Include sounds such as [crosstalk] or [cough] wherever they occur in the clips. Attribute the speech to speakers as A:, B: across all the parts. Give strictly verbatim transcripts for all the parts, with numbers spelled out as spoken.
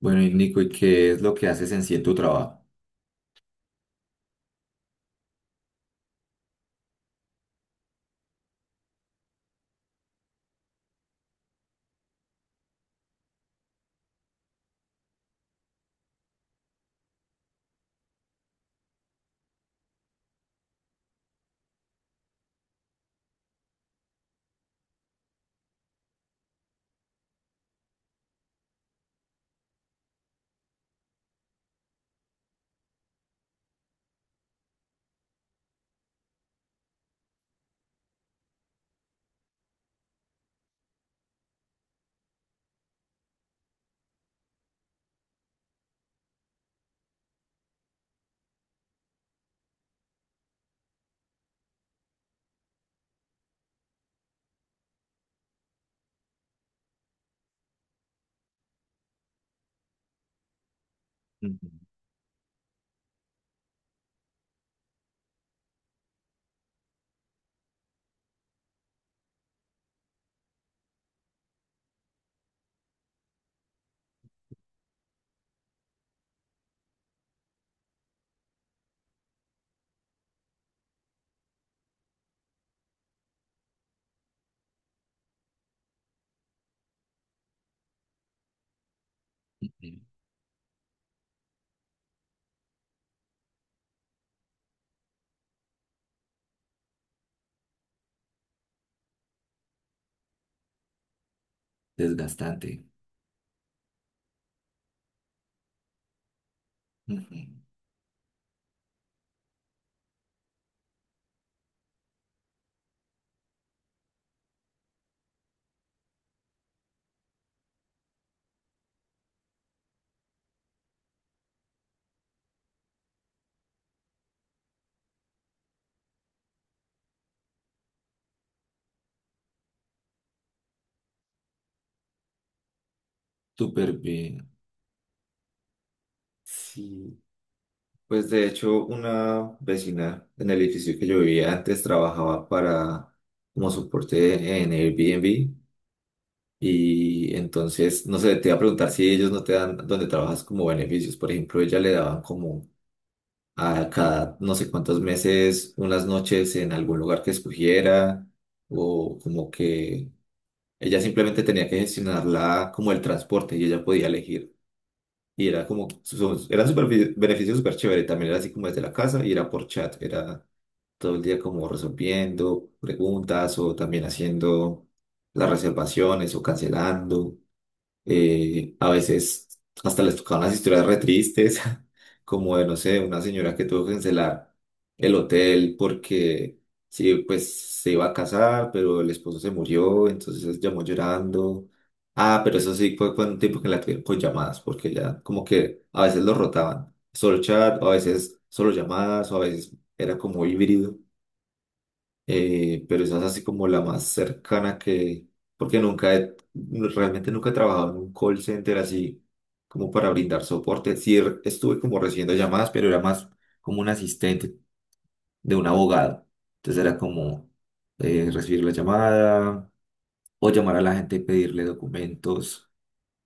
A: Bueno, y Nico, ¿y qué es lo que haces en sí en tu trabajo? Ujú, ujú. Desgastante. Ujú. Súper bien. Sí, pues de hecho una vecina en el edificio que yo vivía antes trabajaba para como soporte en Airbnb y entonces, no sé, te iba a preguntar si ellos no te dan donde trabajas como beneficios. Por ejemplo, ella le daban como a cada no sé cuántos meses unas noches en algún lugar que escogiera o como que. Ella simplemente tenía que gestionarla como el transporte y ella podía elegir. Y era como, su- era súper fi- beneficio súper chévere. También era así como desde la casa y era por chat. Era todo el día como resolviendo preguntas o también haciendo las reservaciones o cancelando. Eh, a veces hasta les tocaban las historias re tristes, [laughs] como de, no sé, una señora que tuvo que cancelar el hotel porque sí, pues se iba a casar, pero el esposo se murió, entonces llamó llorando. Ah, pero eso sí fue, fue un tiempo que la tuvieron con llamadas, porque ya como que a veces lo rotaban, solo chat, o a veces solo llamadas, o a veces era como híbrido eh, pero esa es así como la más cercana que, porque nunca he, realmente nunca he trabajado en un call center así como para brindar soporte. Sí re- estuve como recibiendo llamadas, pero era más como un asistente de un abogado. Entonces era como eh, recibir la llamada o llamar a la gente y pedirle documentos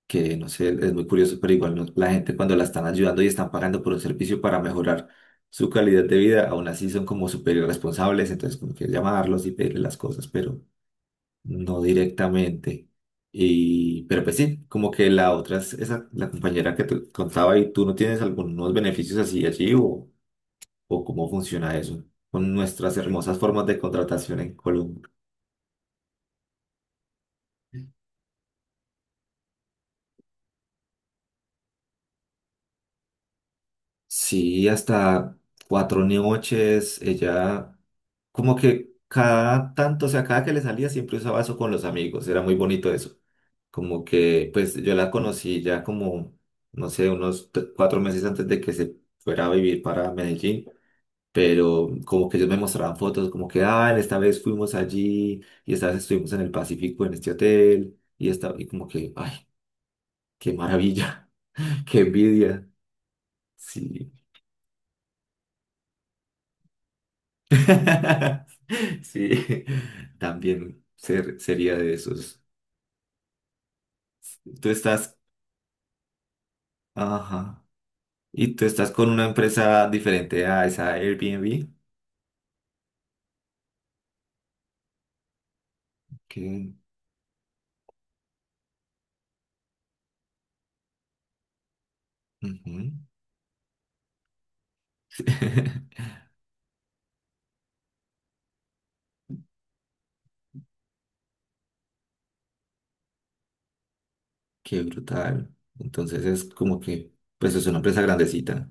A: que no sé, es muy curioso, pero igual no- la gente cuando la están ayudando y están pagando por un servicio para mejorar su calidad de vida, aún así son como súper irresponsables, entonces como que llamarlos y pedirles las cosas, pero no directamente. Y, pero pues sí, como que la otra es esa, la compañera que te contaba y tú no tienes algunos beneficios así allí o, o cómo funciona eso con nuestras hermosas formas de contratación en Colombia. Sí, hasta cuatro noches, ella como que cada tanto, o sea, cada que le salía siempre usaba eso con los amigos, era muy bonito eso. Como que, pues yo la conocí ya como, no sé, unos t- cuatro meses antes de que se fuera a vivir para Medellín, pero como que ellos me mostraban fotos, como que, ah, esta vez fuimos allí y esta vez estuvimos en el Pacífico en este hotel y, esta, y como que, ay, qué maravilla, [laughs] qué envidia, sí. [laughs] Sí, también ser- sería de esos. Tú estás, ajá, y tú estás con una empresa diferente a esa Airbnb. Que, ujú. [laughs] Qué brutal. Entonces es como que, pues es una empresa grandecita.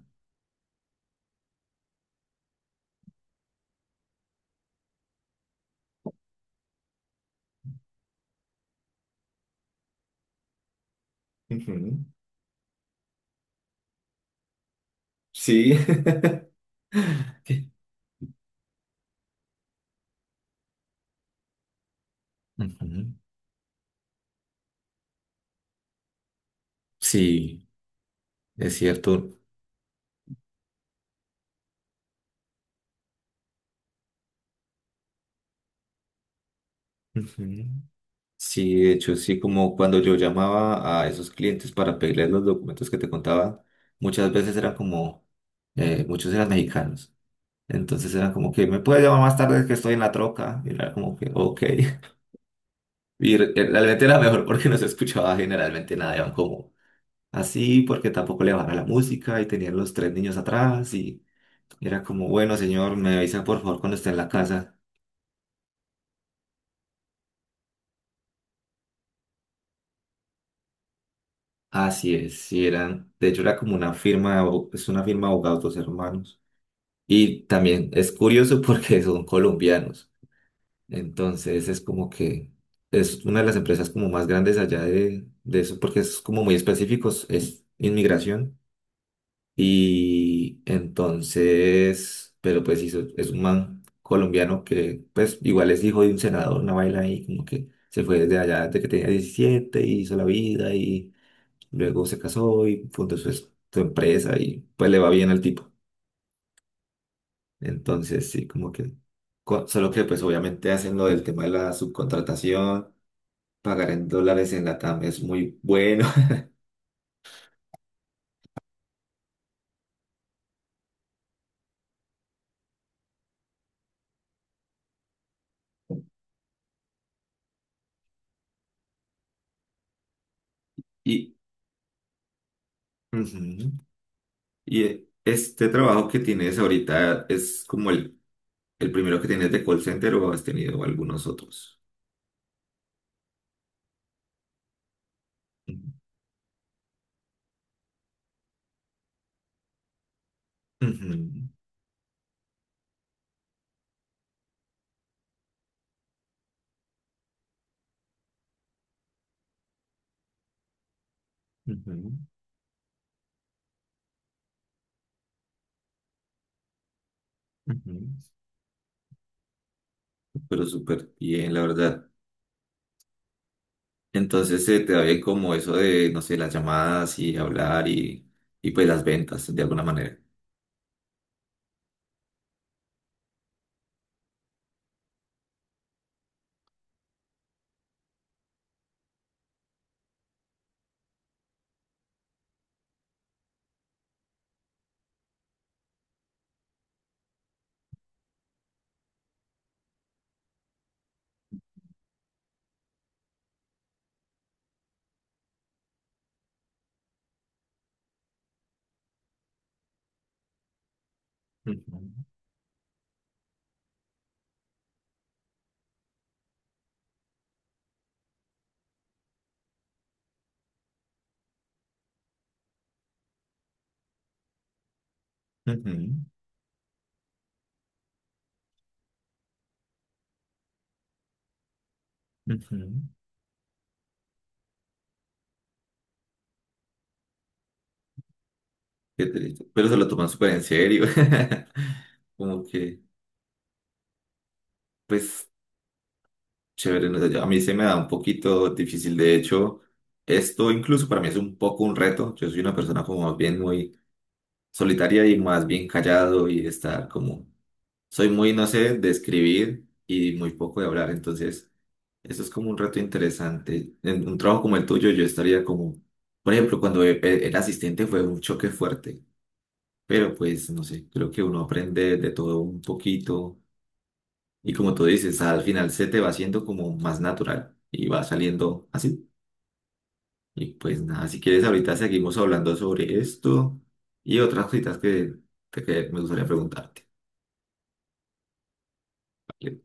A: Ujú. Sí. [laughs] Ujú. Sí, es cierto. Ujú. Sí, de hecho, sí, como cuando yo llamaba a esos clientes para pedirles los documentos que te contaba, muchas veces eran como, eh, muchos eran mexicanos. Entonces eran como que, ¿me puedes llamar más tarde que estoy en la troca? Y era como que, ok. [laughs] Y re- eh, realmente era mejor porque no se escuchaba generalmente nada, eran como así, porque tampoco le bajaba la música y tenían los tres niños atrás y era como, bueno, señor, me avisa por favor cuando esté en la casa. Así es, sí, eran, de hecho era como una firma, de abo- es una firma de abogados, dos hermanos. Y también es curioso [laughs] porque son colombianos. Entonces es como que es una de las empresas como más grandes allá de, de eso porque es como muy específicos, es inmigración. Y entonces, pero pues hizo- es un man colombiano que pues igual es hijo de un senador, una vaina ahí como que se fue desde allá desde que tenía diecisiete y hizo la vida y luego se casó y fundó su, es- su empresa y pues le va bien al tipo. Entonces, sí, como que, co- solo que pues obviamente hacen lo del tema de la subcontratación, pagar en dólares en la T A M es muy bueno. [laughs] Y, ujú. Y eh, este trabajo que tienes ahorita es como el, el primero que tienes de call center o has tenido algunos otros. Ujú, ujú, ujú. Pero súper bien, la verdad. Entonces se te da bien como eso de, no sé, las llamadas y hablar y, y pues las ventas de alguna manera. Ujú, ujú. Ujú. Qué triste. Pero se lo toman súper en serio. [laughs] Como que, pues, chévere. No sé, yo- a mí se me da un poquito difícil. De hecho, esto incluso para mí es un poco un reto. Yo soy una persona como más bien muy solitaria y más bien callado y estar como... Soy muy, no sé, de escribir y muy poco de hablar. Entonces, eso es como un reto interesante. En un trabajo como el tuyo, yo estaría como... Por ejemplo, cuando e- e- era asistente fue un choque fuerte. Pero pues, no sé, creo que uno aprende de todo un poquito y como tú dices, al final se te va haciendo como más natural y va saliendo así. Y pues nada, si quieres ahorita seguimos hablando sobre esto y otras cositas que, que que me gustaría preguntarte. ¿Vale?